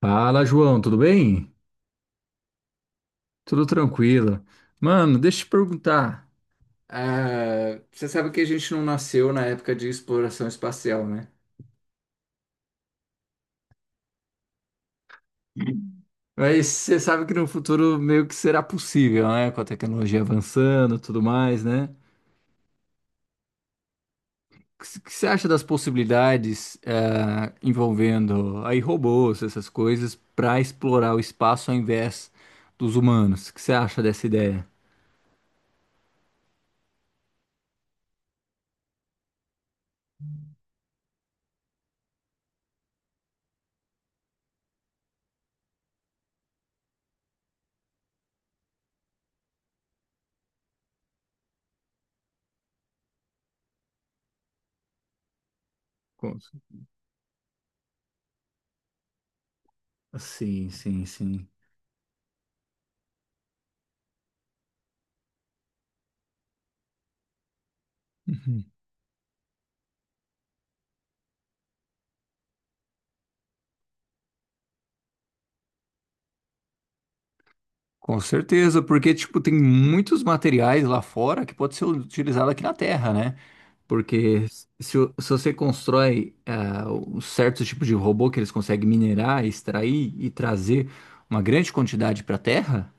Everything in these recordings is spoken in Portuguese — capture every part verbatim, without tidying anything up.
Fala, João, tudo bem? Tudo tranquilo. Mano, deixa eu te perguntar. Ah, você sabe que a gente não nasceu na época de exploração espacial, né? Mas você sabe que no futuro meio que será possível, né? Com a tecnologia avançando, e tudo mais, né? O que c- que você acha das possibilidades ah, envolvendo aí robôs, essas coisas, para explorar o espaço ao invés dos humanos? O que você acha dessa ideia? Com- sim, sim, sim. Com certeza, porque tipo tem muitos materiais lá fora que pode ser utilizado aqui na Terra, né? Porque se, o- se você constrói ah, um certo tipo de robô que eles conseguem minerar, extrair e trazer uma grande quantidade para a Terra,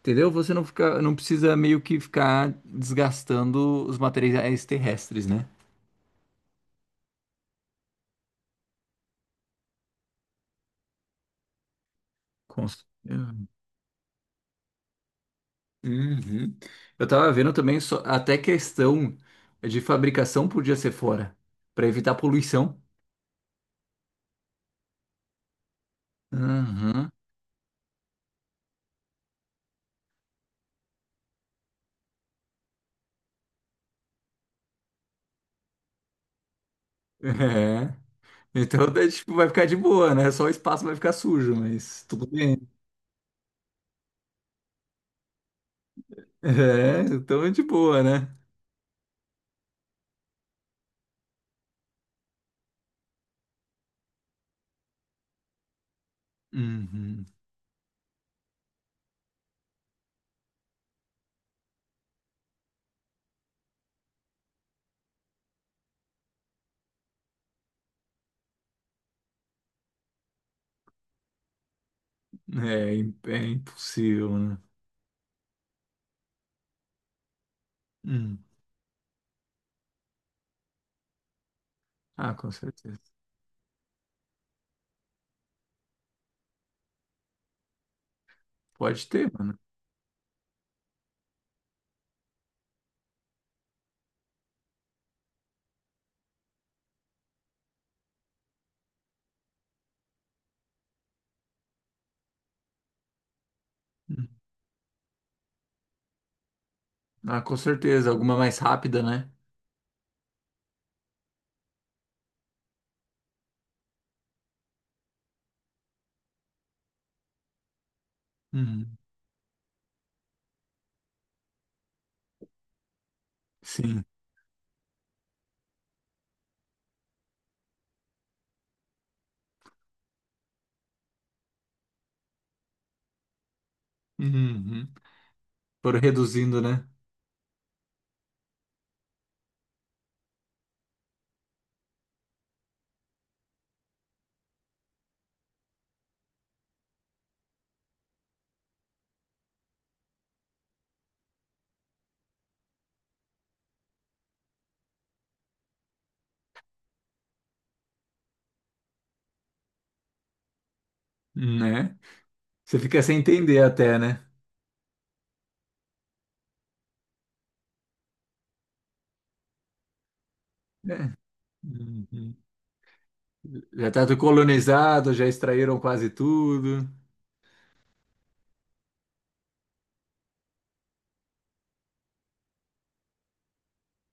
entendeu? Você não fica, não precisa meio que ficar desgastando os materiais terrestres, né? Com c- uhum. Eu tava vendo também só- até questão de fabricação podia ser fora, para evitar poluição. Uhum. É. Então, daí, tipo, vai ficar de boa, né? Só o espaço vai ficar sujo, mas tudo bem. É, então é de boa, né? Uhum. É, im- é impossível, né? Hum. Ah, com certeza. Pode ter, mano. Hum. Ah, com certeza. Alguma mais rápida, né? Uhum. Sim. Uhum. Foram reduzindo, né? Né? Você fica sem entender até, né? É. Uhum. Já tá tudo colonizado, já extraíram quase tudo.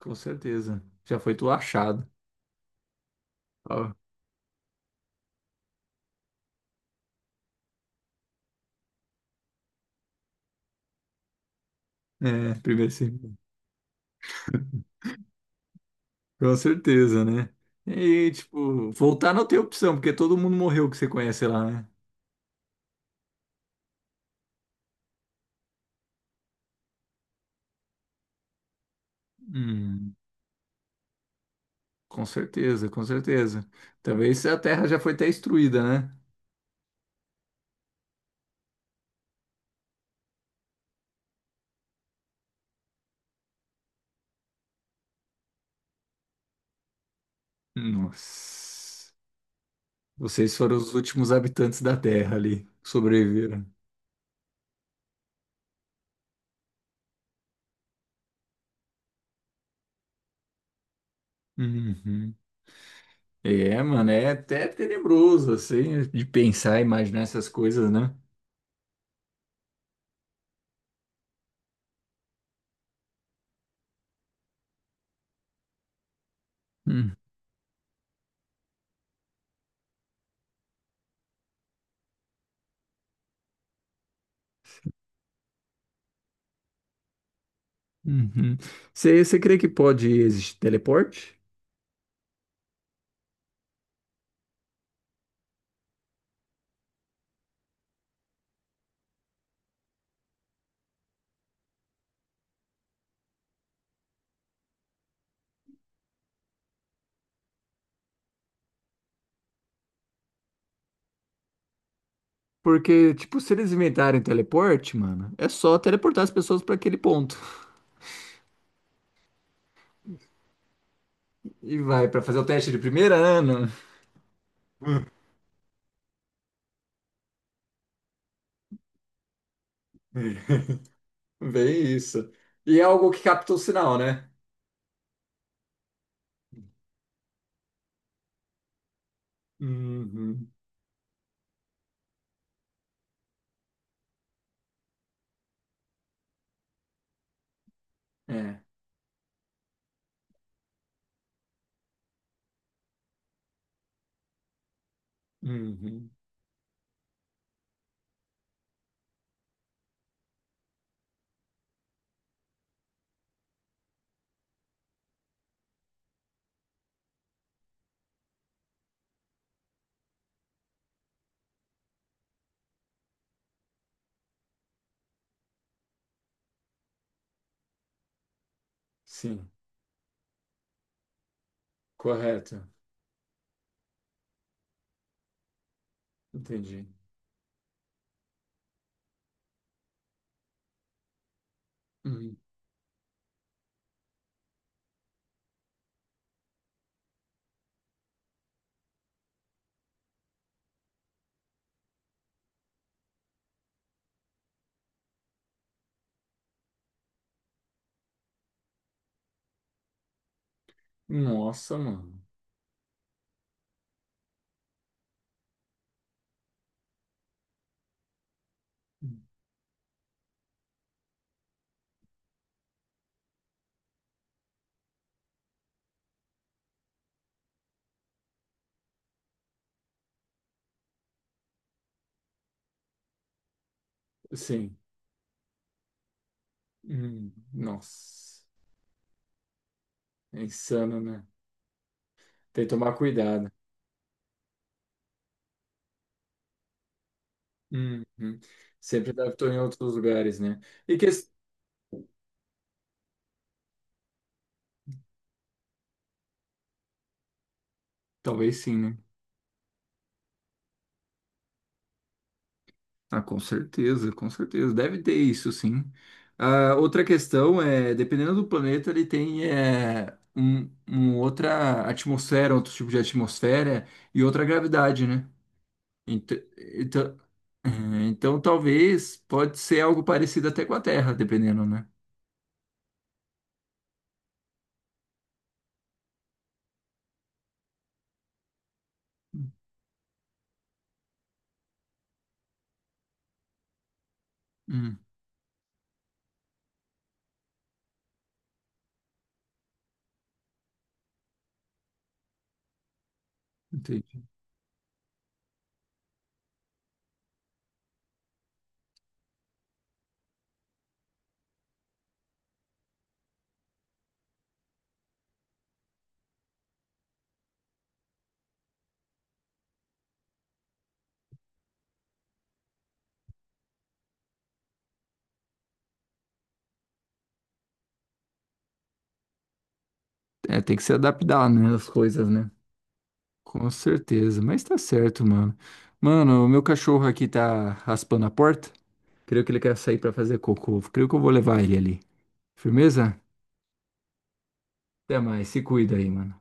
Com certeza. Já foi tudo achado. Ó, é, primeiro sim, com certeza, né? E, tipo, voltar não tem opção, porque todo mundo morreu que você conhece lá, né? Hum, com certeza, com certeza. Talvez a Terra já foi até destruída, né? Nossa. Vocês foram os últimos habitantes da Terra ali, que sobreviveram. Uhum. É, mano, é até tenebroso, assim, de pensar e imaginar essas coisas, né? Hum, uhum. Você, você crê que pode existir teleporte? Porque, tipo, se eles inventarem teleporte, mano, é só teleportar as pessoas pra aquele ponto. E vai pra fazer o teste de primeira, ano. Bem isso. E é algo que capta o sinal, né? Uhum. É. Uhum. Sim. Correto. Entendi. Uhum. Nossa, mano. Sim. Uhum. Nossa. É insano, né? Tem que tomar cuidado. Uhum. Sempre adaptou em outros lugares, né? E que... Talvez sim, né? Ah, com certeza, com certeza. Deve ter isso, sim. Ah, outra questão é, dependendo do planeta, ele tem é, um, um outra atmosfera, outro tipo de atmosfera e outra gravidade, né? Ent- então, eh, então talvez pode ser algo parecido até com a Terra, dependendo, né? Hum, entendi. É, tem que se adaptar, né, as coisas, né? Com certeza, mas tá certo, mano. Mano, o meu cachorro aqui tá raspando a porta. Creio que ele quer sair pra fazer cocô. Creio que eu vou levar ele ali. Firmeza? Até mais. Se cuida aí, mano.